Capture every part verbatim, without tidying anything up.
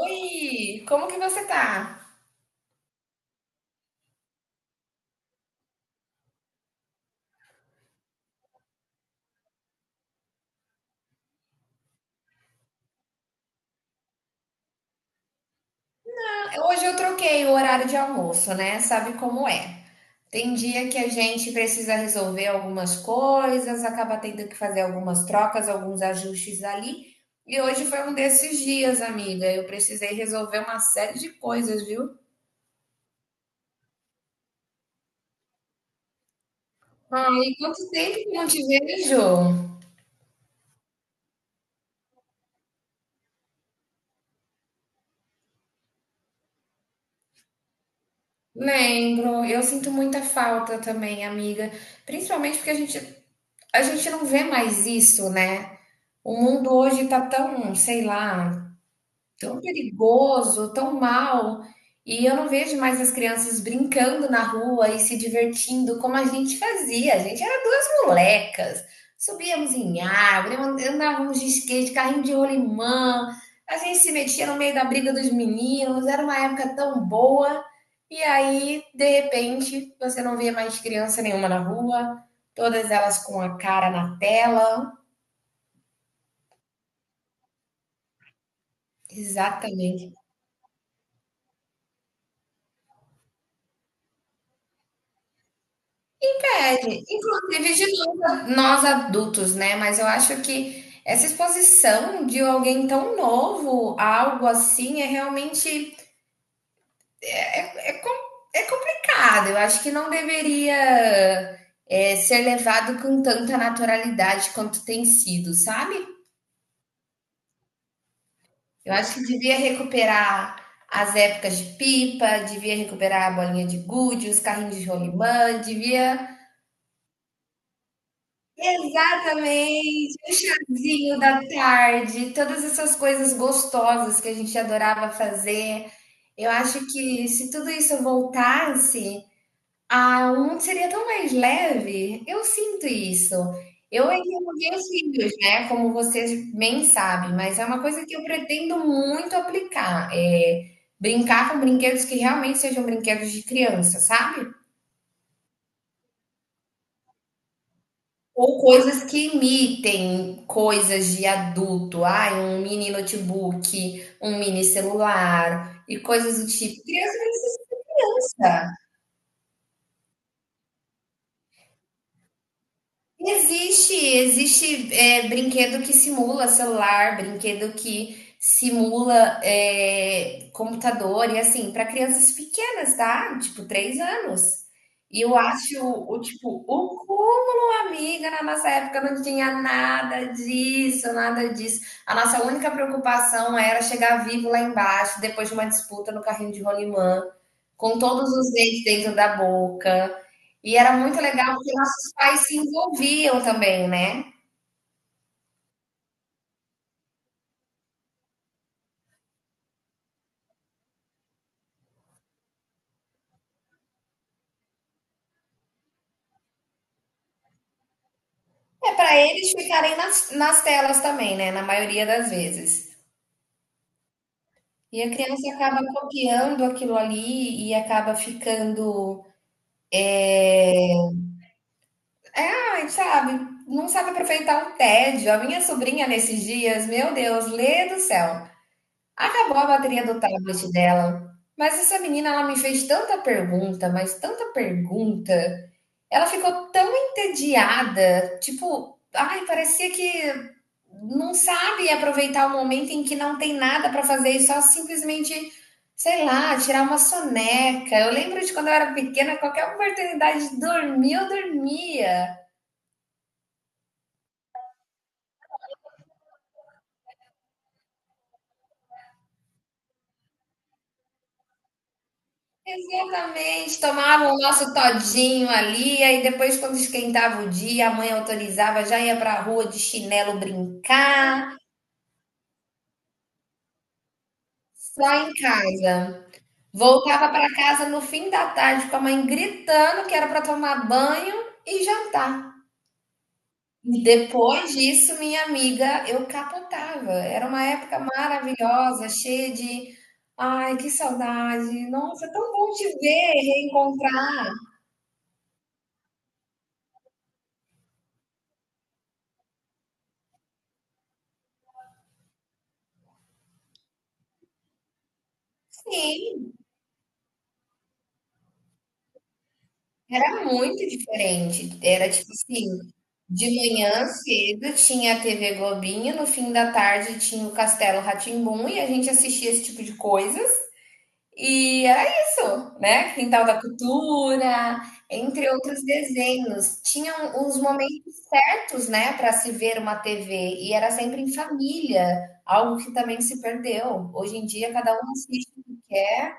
Oi, como que você tá? Hoje eu troquei o horário de almoço, né? Sabe como é? Tem dia que a gente precisa resolver algumas coisas, acaba tendo que fazer algumas trocas, alguns ajustes ali. E hoje foi um desses dias, amiga. Eu precisei resolver uma série de coisas, viu? Ai, quanto tempo que não te vejo? Lembro, eu sinto muita falta também, amiga. Principalmente porque a gente, a gente não vê mais isso, né? O mundo hoje está tão, sei lá, tão perigoso, tão mal, e eu não vejo mais as crianças brincando na rua e se divertindo como a gente fazia. A gente era duas molecas, subíamos em árvore, andávamos de skate, carrinho de rolimã, a gente se metia no meio da briga dos meninos, era uma época tão boa. E aí, de repente, você não vê mais criança nenhuma na rua, todas elas com a cara na tela. Exatamente. Pede. Inclusive de nós, nós adultos, né? Mas eu acho que essa exposição de alguém tão novo a algo assim é realmente é, é, é com- é complicado. Eu acho que não deveria é, ser levado com tanta naturalidade quanto tem sido, sabe? Eu acho que devia recuperar as épocas de pipa, devia recuperar a bolinha de gude, os carrinhos de rolimã, devia. Exatamente, o chazinho da tarde, todas essas coisas gostosas que a gente adorava fazer. Eu acho que se tudo isso voltasse, ah, o mundo seria tão mais leve. Eu sinto isso. Eu ainda não tenho filhos, né? Como vocês bem sabem, mas é uma coisa que eu pretendo muito aplicar. É brincar com brinquedos que realmente sejam brinquedos de criança, sabe? Ou coisas que imitem coisas de adulto, ai, um mini notebook, um mini celular e coisas do tipo. Criança vai ser criança. Existe, existe é, brinquedo que simula celular, brinquedo que simula é, computador, e assim, para crianças pequenas, tá? Tipo, três anos. E eu acho o o, tipo, o cúmulo, amiga, na nossa época não tinha nada disso, nada disso. A nossa única preocupação era chegar vivo lá embaixo, depois de uma disputa no carrinho de rolimã, com todos os dentes dentro da boca. E era muito legal porque nossos pais se envolviam também, né? É para eles ficarem nas, nas telas também, né? Na maioria das vezes. E a criança acaba copiando aquilo ali e acaba ficando. É, sabe? Não sabe aproveitar o tédio. A minha sobrinha nesses dias, meu Deus, lê do céu. Acabou a bateria do tablet dela. Mas essa menina, ela me fez tanta pergunta, mas tanta pergunta. Ela ficou tão entediada, tipo, ai, parecia que não sabe aproveitar o momento em que não tem nada para fazer e só simplesmente, sei lá, tirar uma soneca. Eu lembro de quando eu era pequena, qualquer oportunidade de dormir, eu dormia. Exatamente, tomava o nosso todinho ali, aí depois, quando esquentava o dia, a mãe autorizava, já ia pra rua de chinelo brincar, só em casa. Voltava para casa no fim da tarde com a mãe gritando que era para tomar banho e jantar. E depois disso, minha amiga, eu capotava. Era uma época maravilhosa, cheia de ai, que saudade. Nossa, é tão bom te ver, reencontrar. Sim, era muito diferente. Era tipo assim, de manhã cedo tinha a T V Globinho, no fim da tarde tinha o Castelo rá tim e a gente assistia esse tipo de coisas. E era isso, né? Quintal da Cultura, entre outros desenhos. Tinham uns momentos certos, né, para se ver uma T V, e era sempre em família, algo que também se perdeu. Hoje em dia, cada um assiste o que quer.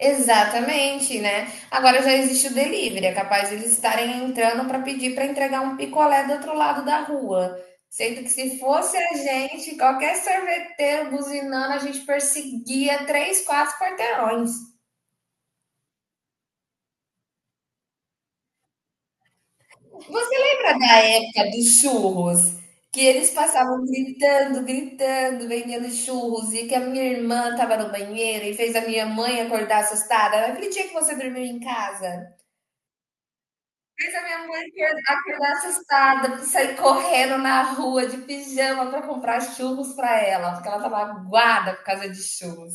Exatamente, né? Agora já existe o delivery, é capaz de eles estarem entrando para pedir para entregar um picolé do outro lado da rua. Sendo que se fosse a gente, qualquer sorveteiro buzinando, a gente perseguia três, quatro quarteirões. Você lembra da época dos churros? Que eles passavam gritando, gritando, vendendo churros, e que a minha irmã estava no banheiro e fez a minha mãe acordar assustada. Naquele dia que você dormiu em casa, fez a minha mãe acor- acordar assustada, sair correndo na rua de pijama para comprar churros para ela, porque ela estava aguada por causa de churros.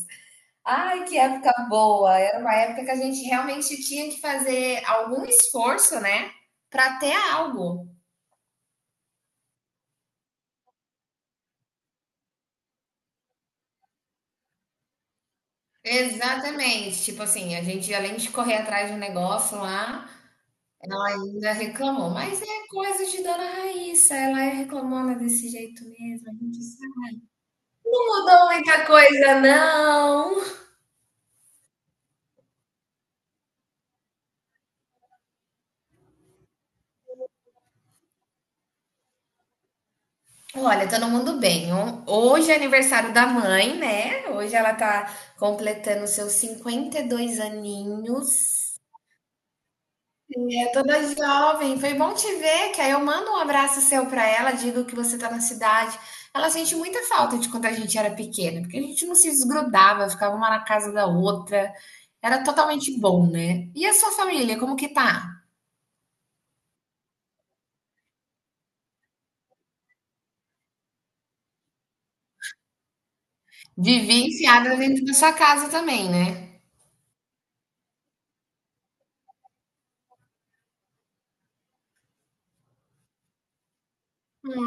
Ai, que época boa! Era uma época que a gente realmente tinha que fazer algum esforço, né, para ter algo. Exatamente. Tipo assim, a gente, além de correr atrás de um negócio lá, ela ainda reclamou. Mas é coisa de Dona Raíssa, ela é reclamona desse jeito mesmo. A gente sabe. Não mudou muita coisa, não. Olha, todo mundo bem. Ho- Hoje é aniversário da mãe, né? Hoje ela tá completando seus cinquenta e dois aninhos. É toda jovem. Foi bom te ver, que aí eu mando um abraço seu para ela, digo que você está na cidade. Ela sente muita falta de quando a gente era pequena, porque a gente não se desgrudava, ficava uma na casa da outra. Era totalmente bom, né? E a sua família, como que tá? Vivia enfiada dentro da sua casa também, né?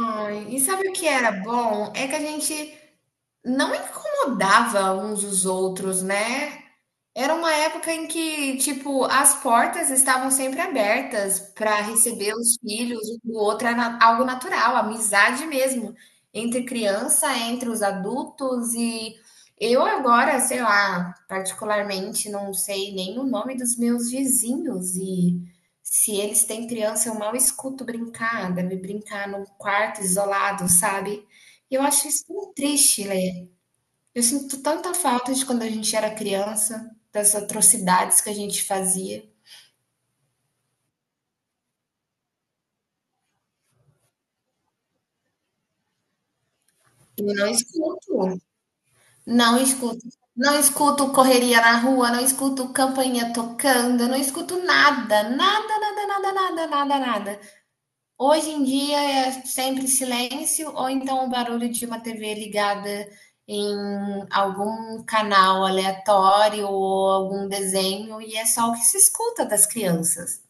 Ai, e sabe o que era bom? É que a gente não incomodava uns os outros, né? Era uma época em que, tipo, as portas estavam sempre abertas para receber os filhos um do outro, era na- algo natural, amizade mesmo, entre criança, entre os adultos, e eu agora, sei lá, particularmente, não sei nem o nome dos meus vizinhos, e se eles têm criança, eu mal escuto brincar, deve brincar num quarto isolado, sabe? E eu acho isso tão triste, Lê. Eu sinto tanta falta de quando a gente era criança, das atrocidades que a gente fazia. E não escuto, não escuto. Não escuto correria na rua, não escuto campainha tocando, não escuto nada, nada, nada, nada, nada, nada, nada. Hoje em dia é sempre silêncio ou então o barulho de uma T V ligada em algum canal aleatório ou algum desenho e é só o que se escuta das crianças.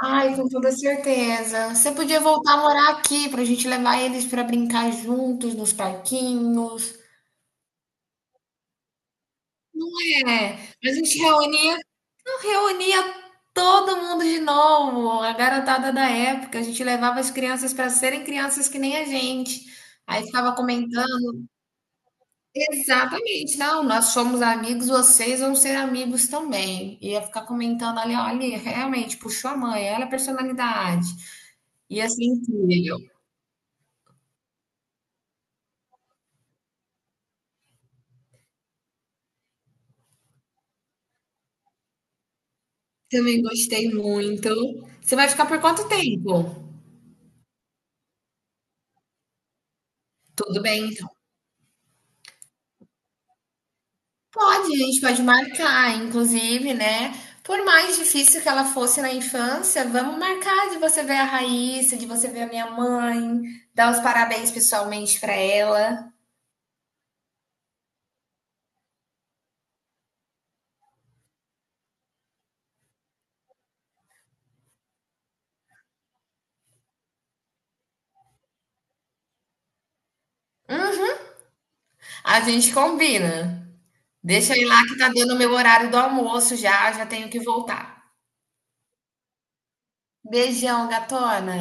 Ai, com toda certeza. Você podia voltar a morar aqui pra gente levar eles pra brincar juntos nos parquinhos. É, a gente reunia, não, reunia todo mundo de novo, a garotada da época. A gente levava as crianças pra serem crianças que nem a gente. Aí ficava comentando. Exatamente, não, nós somos amigos, vocês vão ser amigos também. Ia ficar comentando ali, olha, realmente puxou a mãe, olha a personalidade. E assim, também gostei muito. Você vai ficar por quanto tempo? Tudo bem, então. Pode, a gente pode marcar, inclusive, né? Por mais difícil que ela fosse na infância, vamos marcar de você ver a Raíssa, de você ver a minha mãe, dar os parabéns pessoalmente pra ela. Hum, a gente combina. Deixa eu ir lá que tá dando o meu horário do almoço já, já tenho que voltar. Beijão, gatona.